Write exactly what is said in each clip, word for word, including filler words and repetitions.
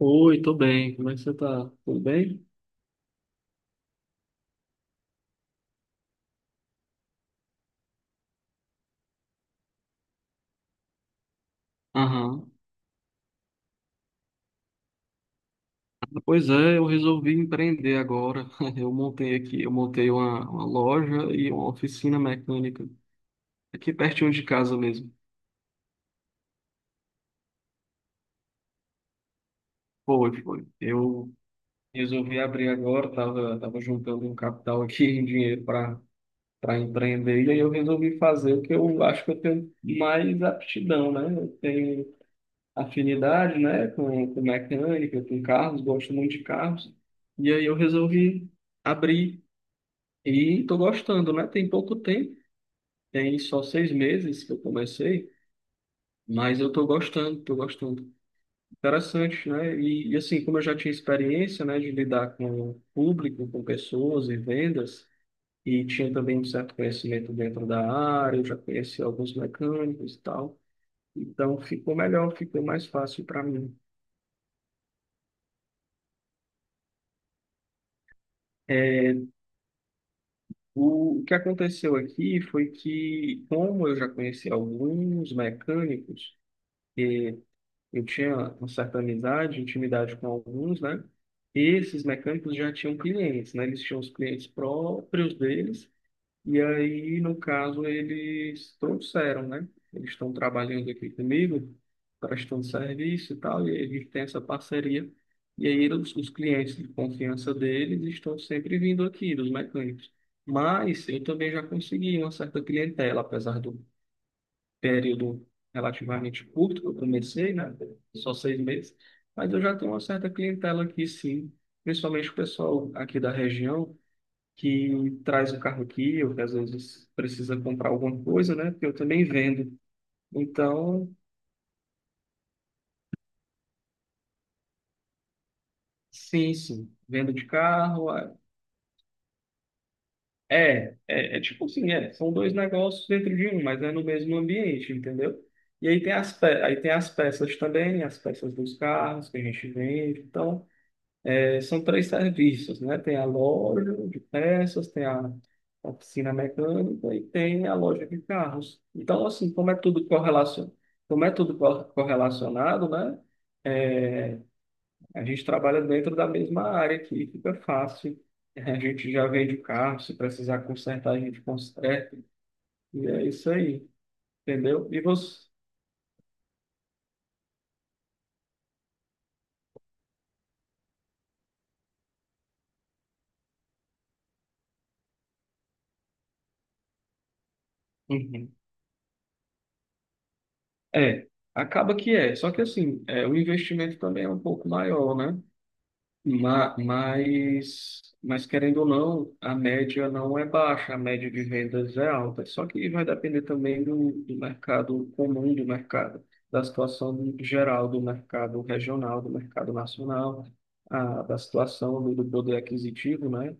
Oi, tô bem. Como é que você tá? Tudo bem? Aham. Pois é, eu resolvi empreender agora. Eu montei aqui, eu montei uma, uma loja e uma oficina mecânica aqui pertinho de casa mesmo. Foi, foi. Eu resolvi abrir agora, tava, tava juntando um capital aqui, um dinheiro para para empreender, e aí eu resolvi fazer o que eu acho que eu tenho mais aptidão, né? Eu tenho afinidade, né, com, com mecânica, com carros, gosto muito de carros. E aí eu resolvi abrir e tô gostando, né? Tem pouco tempo, tem só seis meses que eu comecei, mas eu tô gostando, tô gostando. Interessante, né? E, e assim, como eu já tinha experiência, né, de lidar com o público, com pessoas e vendas, e tinha também um certo conhecimento dentro da área, eu já conheci alguns mecânicos e tal. Então ficou melhor, ficou mais fácil para mim. É, O que aconteceu aqui foi que, como eu já conheci alguns mecânicos, eu tinha uma certa amizade, intimidade com alguns, né? Esses mecânicos já tinham clientes, né? Eles tinham os clientes próprios deles e aí, no caso, eles trouxeram, né? Eles estão trabalhando aqui comigo, prestando serviço e tal, e a gente tem essa parceria. E aí, os, os clientes de confiança deles estão sempre vindo aqui, dos mecânicos. Mas eu também já consegui uma certa clientela, apesar do período relativamente curto que eu comecei, né? Só seis meses. Mas eu já tenho uma certa clientela aqui, sim. Principalmente o pessoal aqui da região que traz o carro aqui, ou que às vezes precisa comprar alguma coisa, né? Porque eu também vendo. Então, sim, sim, vendo de carro. É, é, é é tipo assim, é, são dois negócios dentro de um, mas é no mesmo ambiente, entendeu? E aí tem as, pe aí tem as peças também, as peças dos carros que a gente vende. Então, são três serviços, né? Tem a loja de peças, tem a oficina mecânica e tem a loja de carros. Então, assim, como é tudo correlacionado, como é tudo cor- correlacionado, né? É, a gente trabalha dentro da mesma área aqui, fica fácil. A gente já vende o carro, se precisar consertar, a gente conserta. E é isso aí, entendeu? E você? Uhum. É, acaba que é. Só que assim, é, o investimento também é um pouco maior, né? Ma- Mas, mas querendo ou não, a média não é baixa, a média de vendas é alta. Só que vai depender também do, do mercado comum do mercado, da situação geral do mercado regional, do mercado nacional, a, da situação do, do poder aquisitivo, né,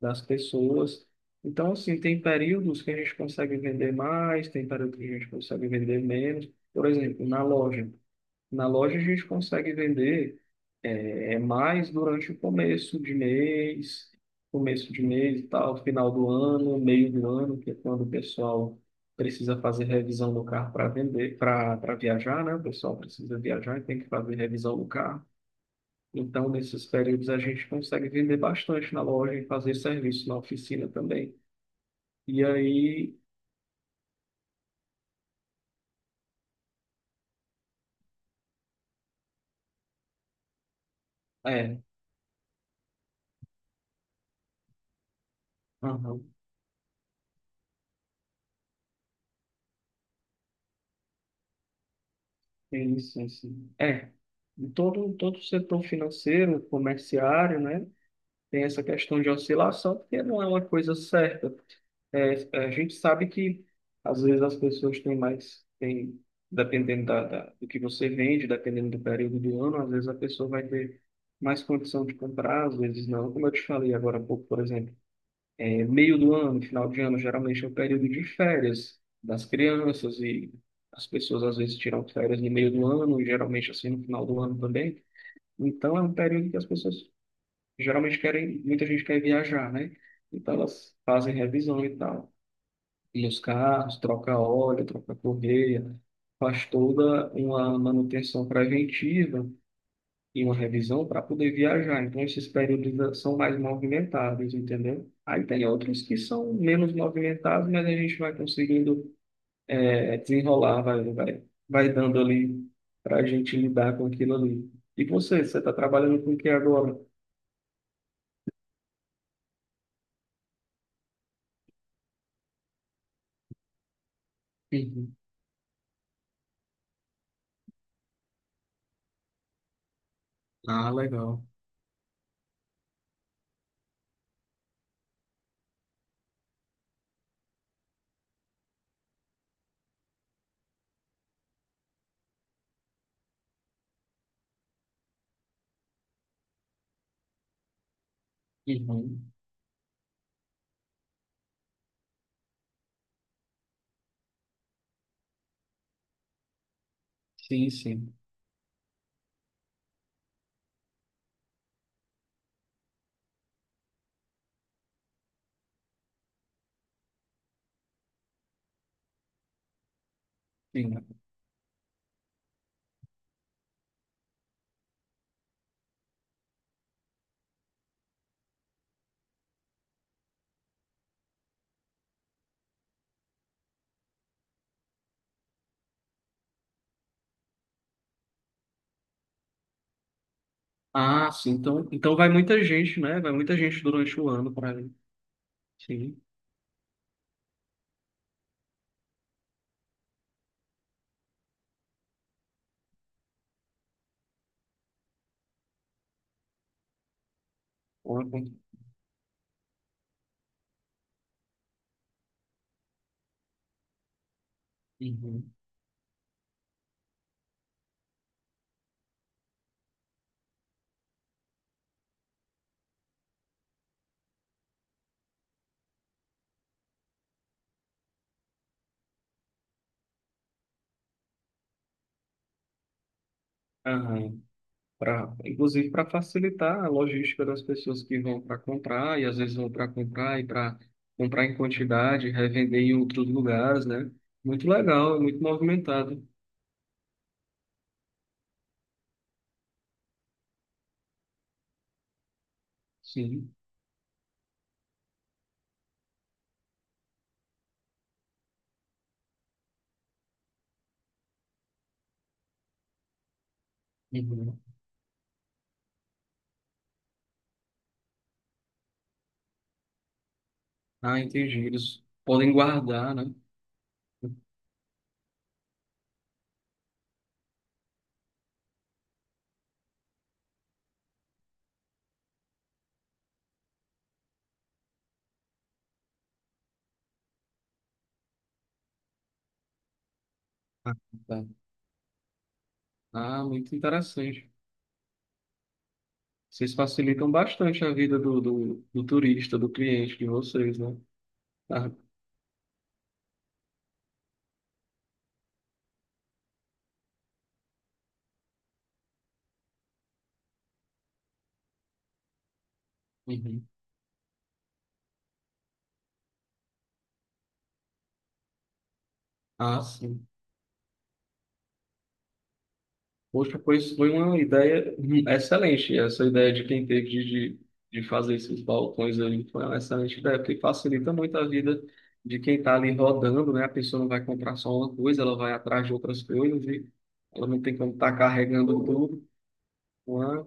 das pessoas. Então, assim, tem períodos que a gente consegue vender mais, tem períodos que a gente consegue vender menos. Por exemplo, na loja. Na loja a gente consegue vender é, é mais durante o começo de mês, começo de mês e tal, final do ano, meio do ano, que é quando o pessoal precisa fazer revisão do carro para vender, para para viajar, né? O pessoal precisa viajar e tem que fazer revisão do carro. Então, nesses períodos a gente consegue vender bastante na loja e fazer serviço na oficina também. E aí, é, aham. Sim, sim, sim. É, em todo, todo setor financeiro, comerciário, né, tem essa questão de oscilação, porque não é uma coisa certa. É, é, a gente sabe que, às vezes, as pessoas têm mais, têm, dependendo da, da- do que você vende, dependendo do período do ano, às vezes a pessoa vai ter mais condição de comprar, às vezes não. Como eu te falei agora há pouco, por exemplo. É meio do ano, final de ano, geralmente é o período de férias das crianças e as pessoas às vezes tiram férias no meio do ano, e geralmente assim no final do ano também. Então é um período que as pessoas geralmente querem, muita gente quer viajar, né? Então elas fazem revisão e tal. E os carros, troca óleo, troca correia, faz toda uma manutenção preventiva e uma revisão para poder viajar. Então, esses períodos são mais movimentados, entendeu? Aí tem outros que são menos movimentados, mas a gente vai conseguindo é, desenrolar, vai, vai, vai dando ali para a gente lidar com aquilo ali. E você, você está trabalhando com o que agora? Uhum. Ah, legal. Uhum. Sim, sim, sim. Ah, sim. Então, então vai muita gente, né? Vai muita gente durante o ano para ali. Sim. Uma con- Uhum. Aham. Pra, inclusive para facilitar a logística das pessoas que vão para comprar e às vezes vão para comprar e para comprar em quantidade, revender em outros lugares, né? Muito legal, muito movimentado. Sim. Uhum. Ah, entendi. Eles podem guardar, né? Ah, tá. Ah, muito interessante. Vocês facilitam bastante a vida do, do, do turista, do cliente de vocês, né? Ah, uhum. Ah, sim. Poxa, pois foi uma ideia excelente. Essa ideia de quem teve de, de de fazer esses balcões ali foi uma excelente ideia, porque facilita muito a vida de quem está ali rodando, né? A pessoa não vai comprar só uma coisa, ela vai atrás de outras coisas e ela não tem como estar carregando tudo. Uma...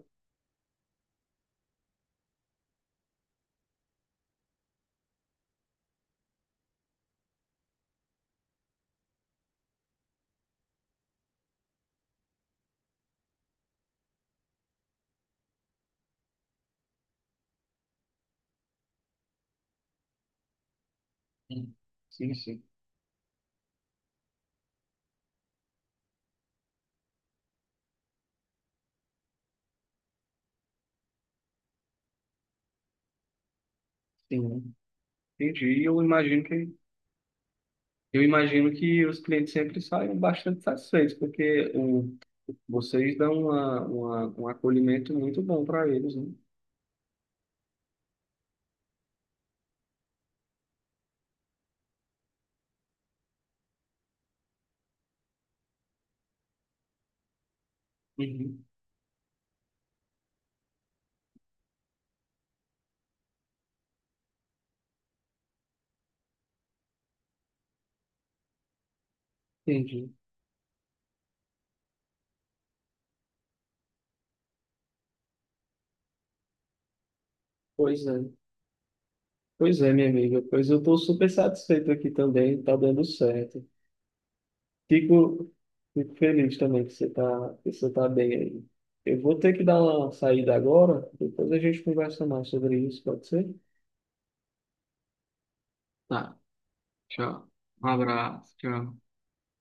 Sim, sim, sim. Né? Entendi. E eu imagino que eu imagino que os clientes sempre saem bastante satisfeitos, porque o, vocês dão uma, uma, um acolhimento muito bom para eles, né? Uhum. Entendi. Pois é, pois é, minha amiga. Pois eu estou super satisfeito aqui também, tá dando certo. Fico, fico feliz também que você tá, que você tá bem aí. Eu vou ter que dar uma saída agora, depois a gente conversa mais sobre isso, pode ser? Tá, tchau. Um abraço, tchau.